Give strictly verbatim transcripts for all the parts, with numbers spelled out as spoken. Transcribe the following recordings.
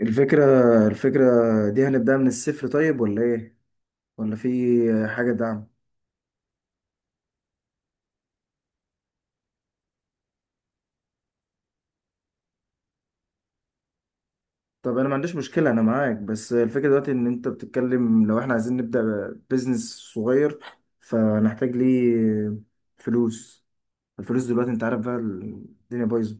الفكرة الفكرة دي هنبدأ من الصفر، طيب ولا ايه؟ ولا في حاجة دعم؟ طب انا ما عنديش مشكلة، انا معاك، بس الفكرة دلوقتي ان انت بتتكلم، لو احنا عايزين نبدأ بيزنس صغير فنحتاج ليه فلوس. الفلوس دلوقتي انت عارف بقى الدنيا بايظة.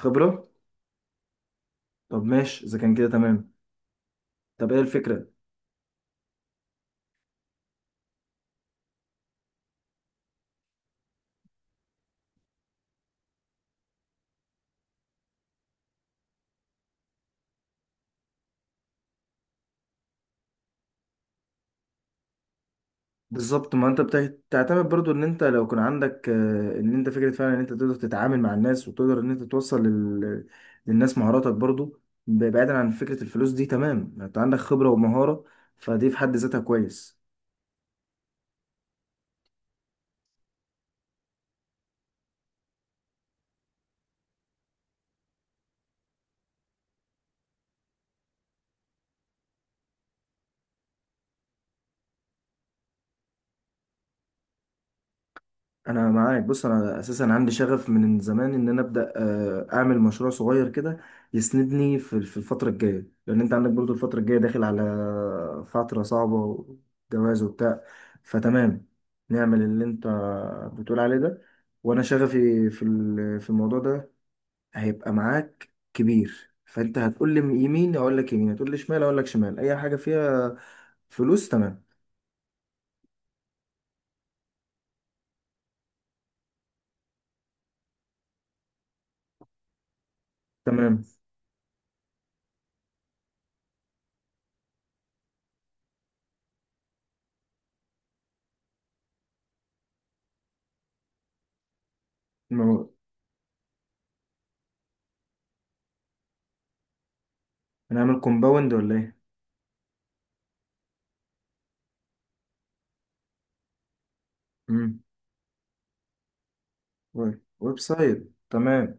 خبرة. طب ماشي اذا كان كده تمام. طب ايه الفكرة؟ بالظبط، ما انت بت- بتعتمد برضو ان انت لو كان عندك، آه، ان انت فكره فعلا، ان انت تقدر تتعامل مع الناس وتقدر ان انت توصل لل... للناس مهاراتك برضو، ب- بعيدا عن فكره الفلوس دي. تمام، انت عندك خبره ومهاره، فدي في حد ذاتها كويس. انا معاك، بص، انا اساسا عندي شغف من زمان ان انا ابدا آه، اعمل مشروع صغير كده يسندني في في الفتره الجايه، لان انت عندك برضو الفتره الجايه داخل على فتره صعبه وجواز وبتاع. فتمام، نعمل اللي انت بتقول عليه ده، وانا شغفي في ال- في الموضوع ده هيبقى معاك كبير، فانت هتقول لي يمين اقول لك يمين، هتقول لي شمال اقول لك شمال، اي حاجه فيها فلوس تمام. تمام. نعمل كومباوند ولا ايه؟ مم. ويب ويب سايت، تمام.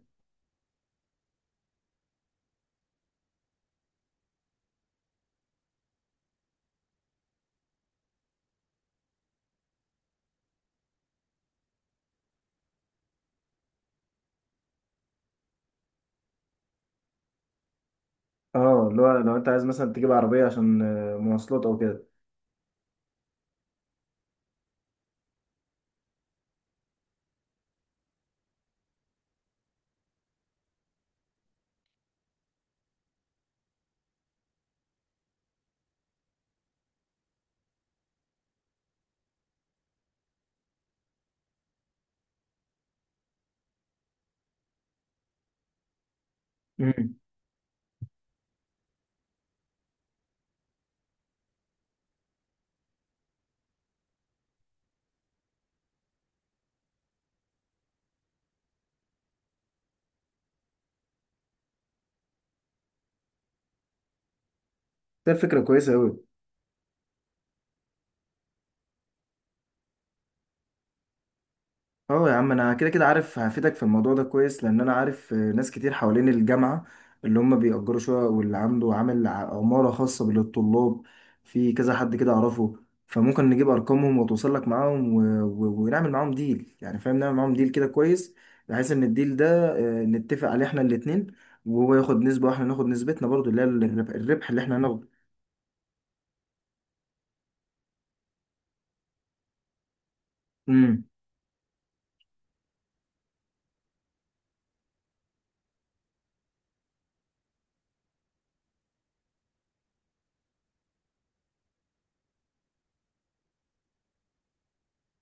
اه، لو لو انت عايز مثلا تجيب عربية عشان آه، مواصلات او كده. امم. ده فكرة كويسة أوي. اه يا عم، انا كده كده عارف هفيدك في الموضوع ده كويس، لان انا عارف آه، ناس كتير حوالين الجامعه اللي هم بيأجروا شقق، واللي عنده عامل ع- عماره خاصه للطلاب، في كذا حد كده اعرفه. فممكن نجيب ارقامهم وتوصل لك معاهم و... و... ونعمل معاهم ديل، يعني فاهم، نعمل معاهم ديل كده كويس. بحيث ان الديل ده آه، نتفق عليه احنا الاتنين، وهو ياخد نسبه واحنا ناخد نسبتنا، برضو اللي هي الرب- الربح اللي احنا هناخده. امم.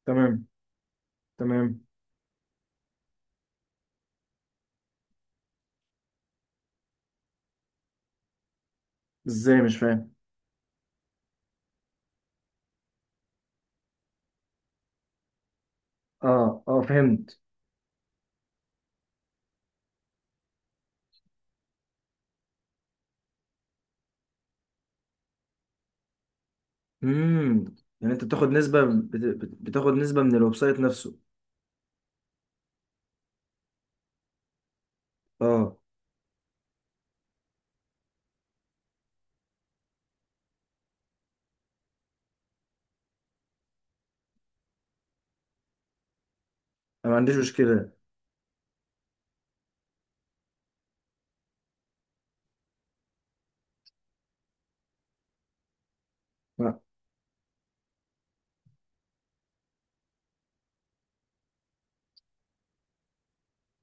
تمام. تمام. ازاي؟ مش فاهم. اه، اه، فهمت. امم. يعني انت بتاخد نسبة، بت... بت- بتاخد نسبة من الويب سايت نفسه. اه، انا ما عنديش مشكلة. ما-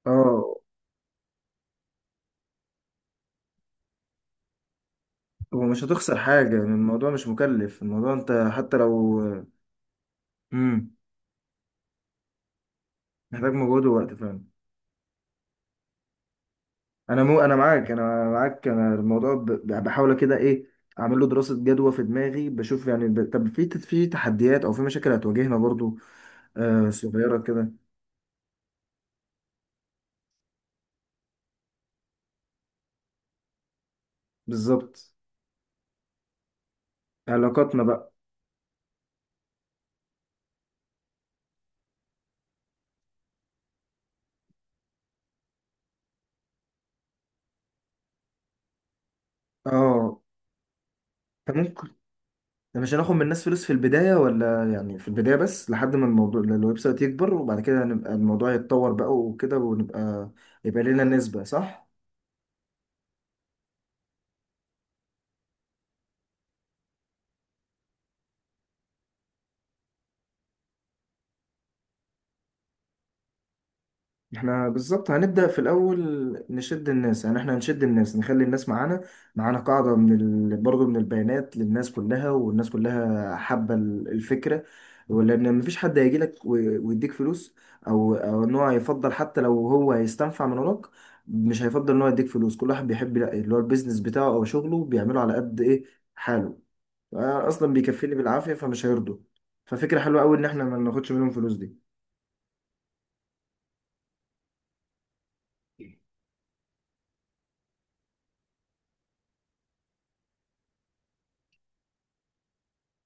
اه، هو مش هتخسر حاجة يعني، الموضوع مش مكلف، الموضوع انت حتى لو. امم. محتاج مجهود ووقت فعلا. انا مو انا معاك انا معاك انا الموضوع ب... ب- بحاول كده ايه اعمل له دراسة جدوى في دماغي، بشوف يعني، ب... طب في في تحديات او في مشاكل هتواجهنا برضو آه صغيرة كده. بالظبط، علاقاتنا بقى. اه، ده مش هناخد من الناس فلوس في البداية ولا يعني، في البداية بس، لحد ما الموضوع الويب سايت يكبر، وبعد كده هنبقى الموضوع يتطور بقى وكده، ونبقى يبقى لنا نسبة، صح؟ احنا بالظبط هنبدأ في الأول نشد الناس، يعني احنا هنشد الناس نخلي الناس معانا. معانا قاعدة من ال... برضه من البيانات للناس كلها، والناس كلها حابة ال- الفكرة، ولأن مفيش حد هيجي لك و- ويديك فلوس، أو أو إن هو هيفضل حتى لو هو هيستنفع من وراك، مش هيفضل إن هو يديك فلوس. كل واحد بيحب لا- اللي هو البيزنس بتاعه أو شغله، بيعمله على قد إيه حاله. أنا أصلا بيكفيني بالعافية فمش هيرضوا. ففكرة حلوة أوي إن احنا ما ناخدش منهم فلوس دي.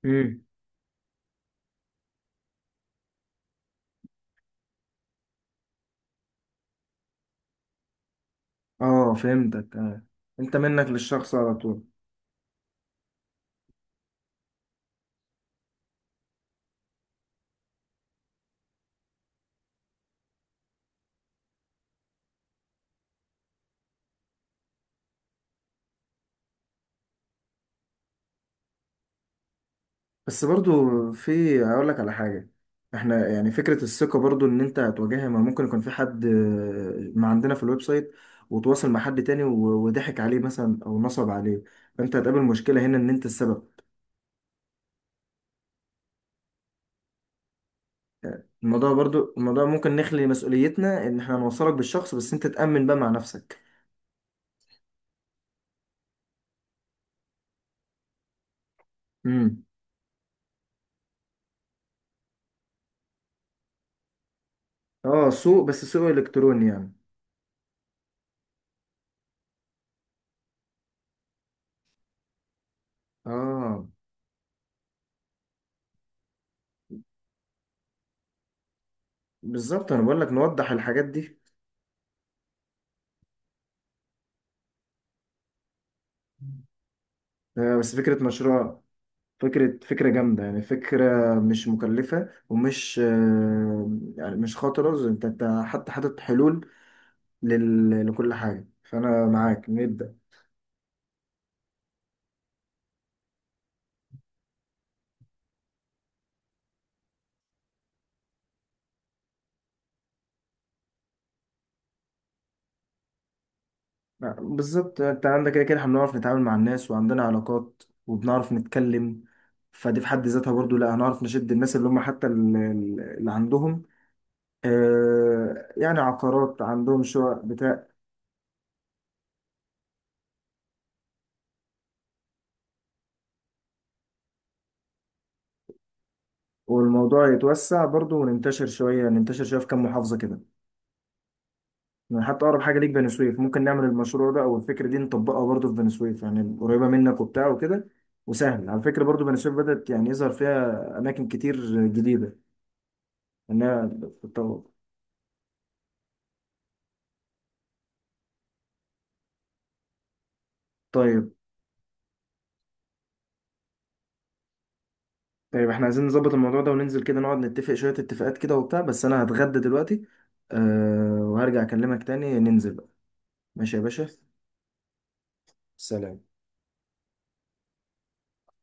مم. اه، فهمتك آه. انت منك للشخص على طول. بس برضو في. اقول لك على حاجة، احنا يعني فكرة الثقة برضو ان انت هتواجهها، ما ممكن يكون في حد آه، ما عندنا في الويب سايت، وتواصل مع حد تاني و- وضحك عليه مثلا او نصب عليه، فانت هتقابل مشكلة هنا ان انت السبب. الموضوع برضو الموضوع ممكن نخلي مسؤوليتنا ان احنا نوصلك بالشخص، بس انت تأمن بقى مع نفسك. امم. اه، سوق بس سوق الكتروني يعني. اه، بالظبط، انا بقول لك نوضح الحاجات دي. آه، بس فكرة مشروع، فكرة فكرة جامدة يعني، فكرة مش مكلفة ومش آه، يعني مش خطرة، انت انت حتى حاطط حلول لل... لكل حاجة، فأنا معاك نبدأ. آه، بالظبط، انت عندك كده كده احنا بنعرف نتعامل مع الناس، وعندنا علاقات، وبنعرف نتكلم، فدي في حد ذاتها برضو. لا، هنعرف نشد الناس اللي هم حتى ال- ال- اللي عندهم آه، يعني عقارات، عندهم شقق بتاع. والموضوع يتوسع برضو، وننتشر شوية ننتشر شوية في كام محافظة كده. يعني حتى اقرب حاجه ليك بني سويف، ممكن نعمل المشروع ده او الفكره دي نطبقها برضو في بني سويف، يعني قريبه منك وبتاع وكده. وسهل على فكره، برضو بني سويف بدات يعني يظهر فيها اماكن كتير جديده، انها بتتطور. طيب. طيب، احنا عايزين نظبط الموضوع ده وننزل كده، نقعد نتفق شويه اتفاقات كده وبتاع، بس انا هتغدى دلوقتي. أه، وهرجع اكلمك تاني، ننزل بقى. ماشي يا باشا. سلام.